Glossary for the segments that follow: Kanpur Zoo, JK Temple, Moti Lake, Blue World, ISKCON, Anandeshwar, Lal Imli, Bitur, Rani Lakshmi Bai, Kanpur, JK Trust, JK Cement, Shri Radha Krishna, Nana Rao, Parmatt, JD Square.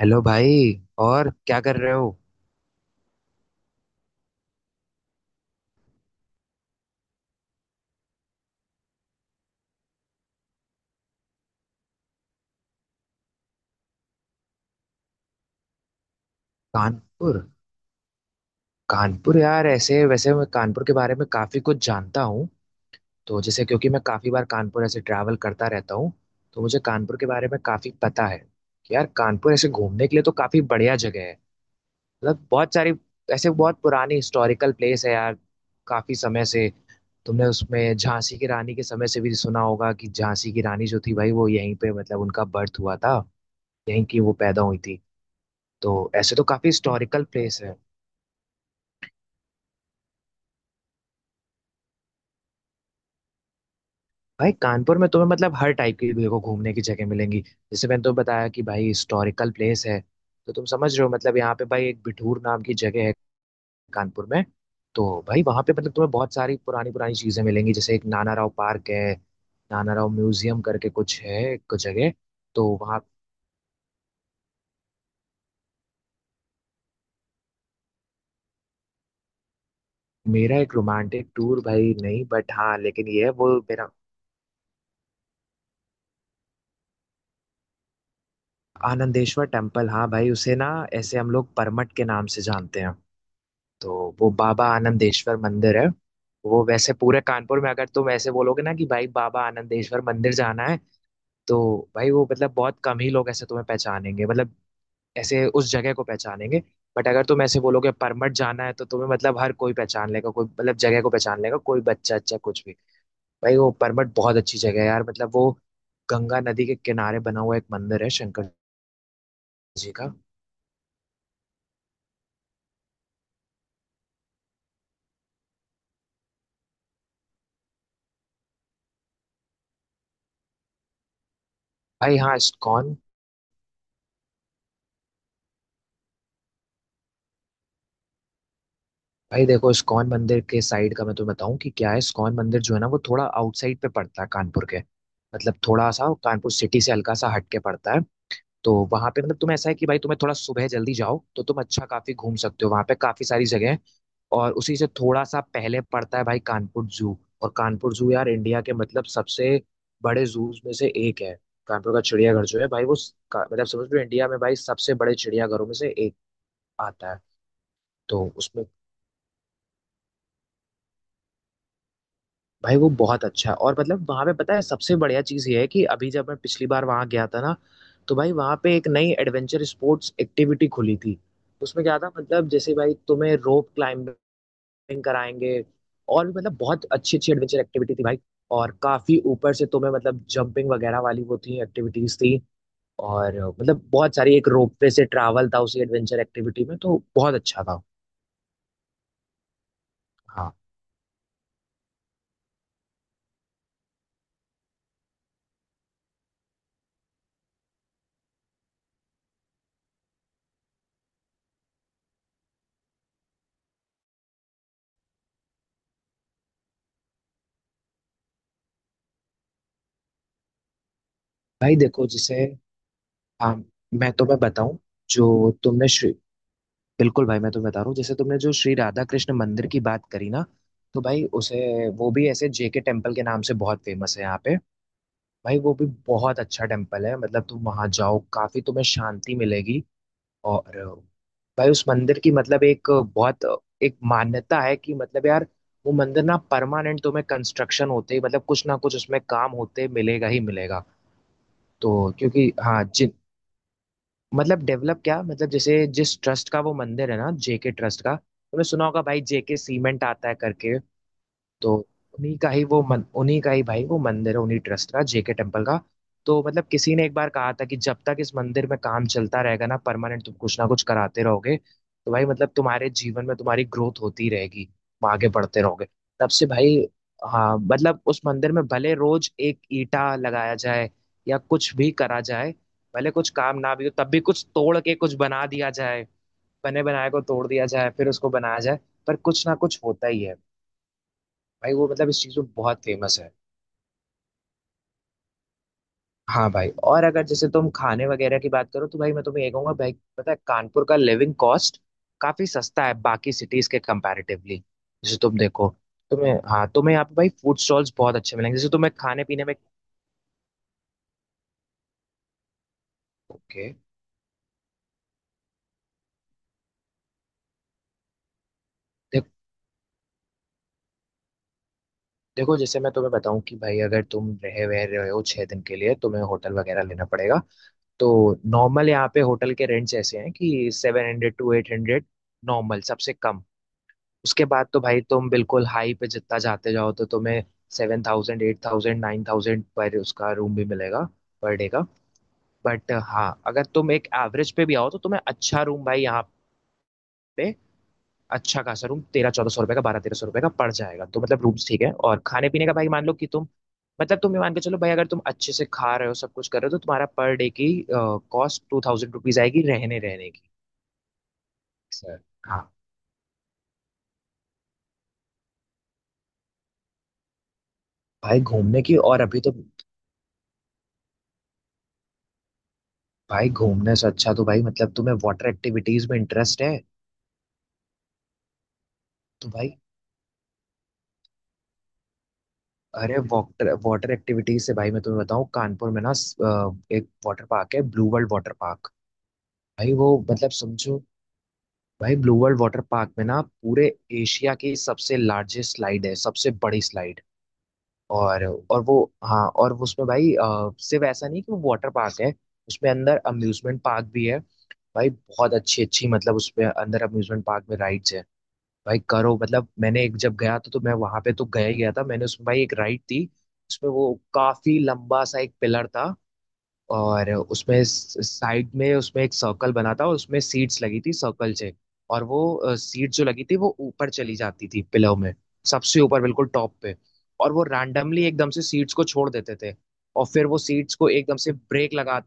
Hello भाई। और क्या कर रहे हो? कानपुर कानपुर यार ऐसे वैसे मैं कानपुर के बारे में काफ़ी कुछ जानता हूँ। तो जैसे क्योंकि मैं काफ़ी बार कानपुर ऐसे ट्रैवल करता रहता हूँ, तो मुझे कानपुर के बारे में काफ़ी पता है कि यार कानपुर ऐसे घूमने के लिए तो काफ़ी बढ़िया जगह है। मतलब बहुत सारी ऐसे बहुत पुरानी हिस्टोरिकल प्लेस है यार। काफ़ी समय से तुमने उसमें झांसी की रानी के समय से भी सुना होगा कि झांसी की रानी जो थी भाई वो यहीं पे मतलब उनका बर्थ हुआ था। यहीं की वो पैदा हुई थी। तो ऐसे तो काफी हिस्टोरिकल प्लेस है। भाई कानपुर में तुम्हें मतलब हर टाइप की देखो घूमने की जगह मिलेंगी, जैसे मैंने तो बताया कि भाई हिस्टोरिकल प्लेस है। तो तुम समझ रहे हो मतलब यहाँ पे भाई एक बिठूर नाम की जगह है कानपुर में। तो भाई वहाँ पे मतलब तुम्हें बहुत सारी पुरानी पुरानी चीजें मिलेंगी, जैसे एक नाना राव पार्क है। नाना राव म्यूजियम करके कुछ है एक जगह। तो वहाँ मेरा एक रोमांटिक टूर भाई नहीं, बट हाँ लेकिन ये है वो मेरा। आनंदेश्वर टेम्पल, हाँ भाई उसे ना ऐसे हम लोग परमट के नाम से जानते हैं। तो वो बाबा आनंदेश्वर मंदिर है। वो वैसे पूरे कानपुर में अगर तुम ऐसे बोलोगे ना कि भाई बाबा आनंदेश्वर मंदिर जाना है, तो भाई वो मतलब बहुत कम ही लोग ऐसे तुम्हें पहचानेंगे मतलब ऐसे उस जगह को पहचानेंगे। बट अगर तुम ऐसे बोलोगे परमठ जाना है, तो तुम्हें मतलब हर कोई पहचान लेगा, कोई मतलब जगह को पहचान लेगा कोई बच्चा, अच्छा कुछ भी। भाई वो परमठ बहुत अच्छी जगह है यार, मतलब वो गंगा नदी के किनारे बना हुआ एक मंदिर है शंकर जी का। भाई हाँ, इस्कॉन। भाई देखो इस्कॉन मंदिर के साइड का मैं तुम्हें बताऊं कि क्या है, इस्कॉन मंदिर जो है ना वो थोड़ा आउटसाइड पे पड़ता है कानपुर के। मतलब थोड़ा सा कानपुर सिटी से हल्का सा हट के पड़ता है। तो वहां पे मतलब तुम, ऐसा है कि भाई तुम्हें थोड़ा सुबह जल्दी जाओ तो तुम अच्छा काफी घूम सकते हो, वहां पे काफी सारी जगह है। और उसी से थोड़ा सा पहले पड़ता है भाई कानपुर जू। और कानपुर जू यार इंडिया के मतलब सबसे बड़े जू में से एक है। कानपुर का चिड़ियाघर जो है भाई वो मतलब समझ लो इंडिया में भाई सबसे बड़े चिड़ियाघरों में से एक आता है। तो उसमें भाई वो बहुत अच्छा है, और मतलब वहाँ पे पता है सबसे बढ़िया चीज़ ये है कि अभी जब मैं पिछली बार वहाँ गया था ना तो भाई वहाँ पे एक नई एडवेंचर स्पोर्ट्स एक्टिविटी खुली थी। उसमें क्या था मतलब जैसे भाई तुम्हें रोप क्लाइंबिंग कराएंगे। और भी मतलब बहुत अच्छी अच्छी एडवेंचर एक्टिविटी थी भाई। और काफी ऊपर से तुम्हें मतलब जंपिंग वगैरह वाली वो थी एक्टिविटीज थी। और मतलब बहुत सारी, एक रोप वे से ट्रैवल था उसी एडवेंचर एक्टिविटी में, तो बहुत अच्छा था। हाँ भाई देखो जैसे, हाँ मैं तुम्हें बताऊं, जो तुमने श्री बिल्कुल भाई मैं तुम्हें बता रहा हूँ, जैसे तुमने जो श्री राधा कृष्ण मंदिर की बात करी ना, तो भाई उसे वो भी ऐसे जेके टेम्पल के नाम से बहुत फेमस है यहाँ पे। भाई वो भी बहुत अच्छा टेम्पल है, मतलब तुम वहां जाओ काफी तुम्हें शांति मिलेगी। और भाई उस मंदिर की मतलब एक मान्यता है कि मतलब यार वो मंदिर ना परमानेंट तुम्हें कंस्ट्रक्शन होते ही मतलब कुछ ना कुछ उसमें काम होते मिलेगा ही मिलेगा। तो क्योंकि हाँ, मतलब डेवलप क्या, मतलब जैसे जिस ट्रस्ट का वो मंदिर है ना, जेके ट्रस्ट का तुमने सुना होगा भाई, जेके सीमेंट आता है करके। तो उन्हीं का ही भाई वो मंदिर है उन्हीं ट्रस्ट का, जेके टेम्पल का। तो मतलब किसी ने एक बार कहा था कि जब तक इस मंदिर में काम चलता रहेगा ना, परमानेंट तुम कुछ ना कुछ कराते रहोगे तो भाई मतलब तुम्हारे जीवन में तुम्हारी ग्रोथ होती रहेगी, तुम आगे बढ़ते रहोगे। तब से भाई, हाँ मतलब उस मंदिर में भले रोज एक ईंटा लगाया जाए या कुछ भी करा जाए, भले कुछ काम ना भी हो तब भी कुछ तोड़ के कुछ बना दिया जाए। बने बनाए को तोड़ दिया जाए फिर उसको बनाया जाए, पर कुछ ना कुछ होता ही है। भाई वो मतलब इस चीज में बहुत फेमस है। हाँ भाई, और अगर जैसे तुम खाने वगैरह की बात करो तो भाई मैं तुम्हें ये कहूंगा भाई, पता है कानपुर का लिविंग कॉस्ट काफी सस्ता है बाकी सिटीज के कंपैरेटिवली। जैसे तुम देखो, तुम्हें यहाँ पे भाई फूड स्टॉल्स बहुत अच्छे मिलेंगे, जैसे तुम्हें खाने पीने में। ओके। देख, देखो जैसे मैं तुम्हें बताऊं कि भाई अगर तुम रहे वह रहे हो 6 दिन के लिए, तुम्हें होटल वगैरह लेना पड़ेगा। तो नॉर्मल यहाँ पे होटल के रेंट्स ऐसे हैं कि 700 टू 800, नॉर्मल सबसे कम। उसके बाद तो भाई तुम बिल्कुल हाई पे जितना जाते जाओ तो तुम्हें 7000, 8000, 9000 पर उसका रूम भी मिलेगा, पर डे का। बट हाँ, अगर तुम एक एवरेज पे भी आओ तो तुम्हें अच्छा रूम भाई यहाँ पे, अच्छा खासा रूम 1300-1400 रुपए का, 1200-1300 रुपए का पड़ जाएगा, तो मतलब रूम्स ठीक है। और खाने पीने का भाई मान लो कि तुम, मतलब तुम ये मान के चलो भाई अगर तुम अच्छे से खा रहे हो सब कुछ कर रहे हो, तो तुम्हारा पर डे की कॉस्ट 2000 रुपीज आएगी रहने रहने की, सर। हाँ भाई, घूमने की और अभी तो, भाई घूमने से अच्छा तो भाई मतलब तुम्हें वाटर एक्टिविटीज में इंटरेस्ट है, तो भाई, अरे वाटर वाटर एक्टिविटीज से भाई मैं तुम्हें बताऊं कानपुर में ना एक वाटर पार्क है, ब्लू वर्ल्ड वाटर पार्क। भाई वो मतलब समझो, भाई ब्लू वर्ल्ड वाटर पार्क में ना पूरे एशिया की सबसे लार्जेस्ट स्लाइड है, सबसे बड़ी स्लाइड। और और वो हाँ और वो उसमें भाई सिर्फ ऐसा नहीं कि वो वाटर पार्क है, उसमें अंदर अम्यूजमेंट पार्क भी है। भाई बहुत अच्छी अच्छी, मतलब उसमें अंदर अम्यूजमेंट पार्क में राइड्स है भाई। करो मतलब मैंने एक जब गया था तो मैं वहां पे तो गया ही गया था, मैंने उसमें भाई एक राइड थी, उसमें वो काफी लंबा सा एक पिलर था, और उसमें साइड में उसमें एक सर्कल बना था और उसमें सीट्स लगी थी सर्कल से। और वो सीट जो लगी थी वो ऊपर चली जाती थी पिलर में, सबसे ऊपर बिल्कुल टॉप पे। और वो रैंडमली एकदम से सीट्स को छोड़ देते थे, और फिर वो सीट्स को एकदम से ब्रेक लगा।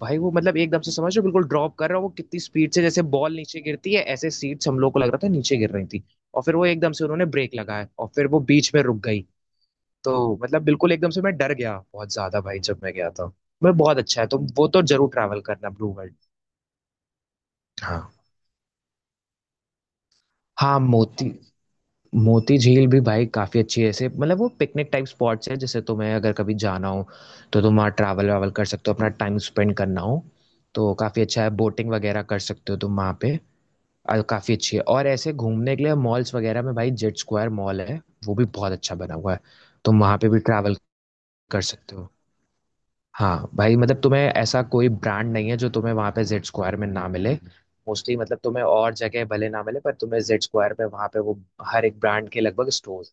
भाई वो मतलब एकदम से समझ रहे हो बिल्कुल ड्रॉप कर रहा है वो, कितनी स्पीड से जैसे बॉल नीचे गिरती है ऐसे सीट्स हम लोग को लग रहा था नीचे गिर रही थी। और फिर वो एकदम से उन्होंने ब्रेक लगाया और फिर वो बीच में रुक गई। तो मतलब बिल्कुल एकदम से मैं डर गया बहुत ज्यादा भाई जब मैं गया था। मैं बहुत अच्छा है, तो वो तो जरूर ट्रैवल करना, ब्लू वर्ल्ड। हाँ हाँ, मोती मोती झील भी भाई काफी अच्छी है, ऐसे मतलब वो पिकनिक टाइप स्पॉट्स है, जैसे तुम्हें अगर कभी जाना हो तो तुम वहाँ ट्रैवल वावल कर सकते हो, अपना टाइम स्पेंड करना हो, तो काफी अच्छा है, बोटिंग वगैरह कर सकते हो तुम वहाँ पे। काफी अच्छी है। और ऐसे घूमने के लिए मॉल्स वगैरह में भाई जेड स्क्वायर मॉल है, वो भी बहुत अच्छा बना हुआ है। तुम वहां पे भी ट्रैवल कर सकते हो। हाँ भाई मतलब तुम्हें ऐसा कोई ब्रांड नहीं है जो तुम्हें वहां पे जेड स्क्वायर में ना मिले। मोस्टली मतलब तुम्हें और जगह भले ना मिले, पर तुम्हें जेड स्क्वायर पे वहां पे वो हर एक ब्रांड के लगभग स्टोर।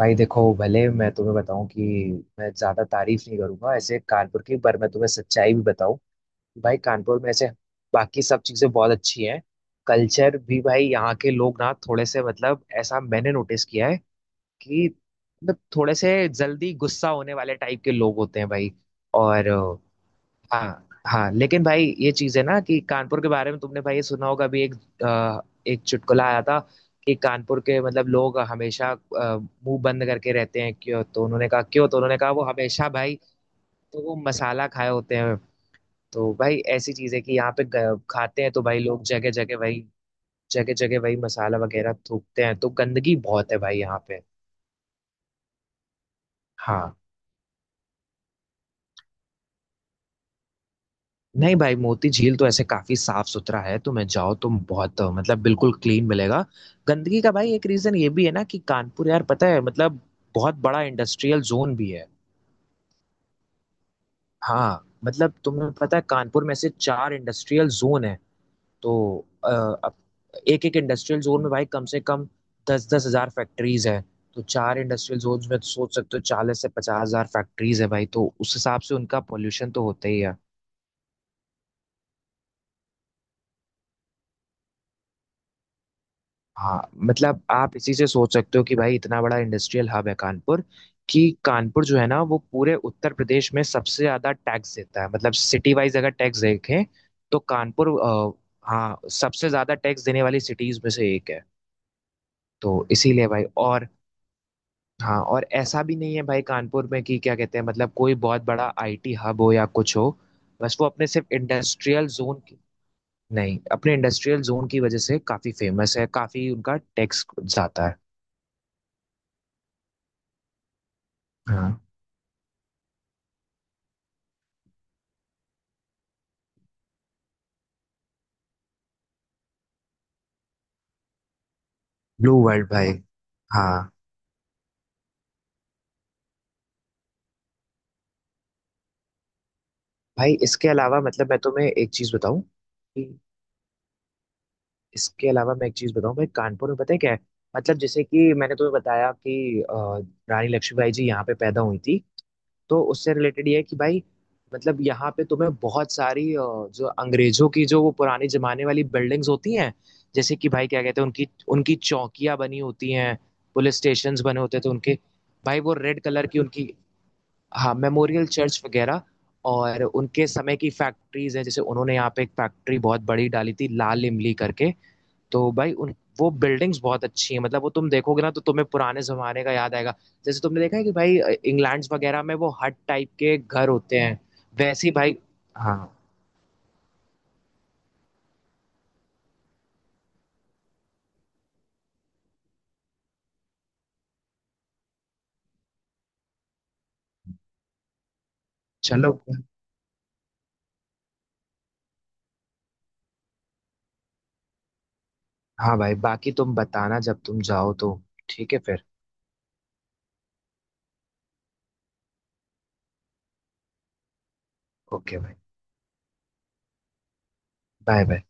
भाई देखो भले मैं तुम्हें बताऊं कि मैं ज्यादा तारीफ नहीं करूंगा ऐसे कानपुर की, पर मैं तुम्हें सच्चाई भी बताऊं, भाई कानपुर में से बाकी सब चीजें बहुत अच्छी हैं। कल्चर भी भाई यहाँ के लोग ना थोड़े से, मतलब ऐसा मैंने नोटिस किया है कि मतलब थोड़े से जल्दी गुस्सा होने वाले टाइप के लोग होते हैं भाई। और हाँ हाँ, लेकिन भाई ये चीज है ना कि कानपुर के बारे में तुमने भाई ये सुना होगा, अभी अ, एक चुटकुला आया था कि कानपुर के मतलब लोग हमेशा मुंह बंद करके रहते हैं क्यों, तो उन्होंने कहा वो हमेशा भाई, तो वो मसाला खाए होते हैं। तो भाई ऐसी चीज है कि यहाँ पे खाते हैं तो भाई लोग जगह जगह वही मसाला वगैरह थूकते हैं, तो गंदगी बहुत है भाई यहाँ पे। हाँ। नहीं भाई, मोती झील तो ऐसे काफी साफ सुथरा है, तुम्हें जाओ तुम बहुत मतलब बिल्कुल क्लीन मिलेगा। गंदगी का भाई एक रीजन ये भी है ना कि कानपुर यार पता है मतलब बहुत बड़ा इंडस्ट्रियल जोन भी है। हाँ मतलब तुम्हें पता है कानपुर में से चार इंडस्ट्रियल जोन है। तो अ, अब एक एक इंडस्ट्रियल जोन में भाई कम से कम 10-10 हज़ार फैक्ट्रीज है। तो चार इंडस्ट्रियल जोन में तो सोच सकते हो 40-50 हज़ार फैक्ट्रीज है भाई, तो उस हिसाब से उनका पोल्यूशन तो होता ही है। हाँ मतलब आप इसी से सोच सकते हो कि भाई इतना बड़ा इंडस्ट्रियल हब है कानपुर, कि कानपुर जो है ना वो पूरे उत्तर प्रदेश में सबसे ज्यादा टैक्स देता है, मतलब सिटी वाइज अगर टैक्स देखें, तो कानपुर हाँ सबसे ज्यादा टैक्स देने वाली सिटीज में से एक है। तो इसीलिए भाई, और हाँ, और ऐसा भी नहीं है भाई कानपुर में कि क्या कहते हैं मतलब कोई बहुत बड़ा आईटी हब हो या कुछ हो। बस वो अपने सिर्फ इंडस्ट्रियल जोन की, नहीं अपने इंडस्ट्रियल जोन की वजह से काफी फेमस है, काफी उनका टैक्स जाता है। हाँ, ब्लू वर्ल्ड भाई। हाँ भाई, इसके अलावा मतलब मैं तुम्हें एक चीज बताऊं कि, इसके अलावा मैं एक चीज बताऊं भाई, कानपुर में पता है क्या है, मतलब जैसे कि मैंने तुम्हें बताया कि रानी लक्ष्मीबाई जी यहाँ पे पैदा हुई थी, तो उससे रिलेटेड ये है कि भाई मतलब यहाँ पे तुम्हें बहुत सारी जो अंग्रेजों की जो वो पुराने जमाने वाली बिल्डिंग्स होती हैं, जैसे कि भाई क्या कहते हैं, उनकी उनकी चौकियाँ बनी होती हैं, पुलिस स्टेशन बने होते हैं तो उनके भाई वो रेड कलर की उनकी, हाँ मेमोरियल चर्च वगैरह, और उनके समय की फैक्ट्रीज है, जैसे उन्होंने यहाँ पे एक फैक्ट्री बहुत बड़ी डाली थी लाल इमली करके। तो भाई उन वो बिल्डिंग्स बहुत अच्छी हैं, मतलब वो तुम देखोगे ना तो तुम्हें पुराने जमाने का याद आएगा, जैसे तुमने देखा है कि भाई इंग्लैंड वगैरह में वो हट टाइप के घर होते हैं, वैसे ही भाई। हाँ, चलो हाँ भाई, बाकी तुम बताना जब तुम जाओ तो, ठीक है फिर। ओके भाई। Bye bye.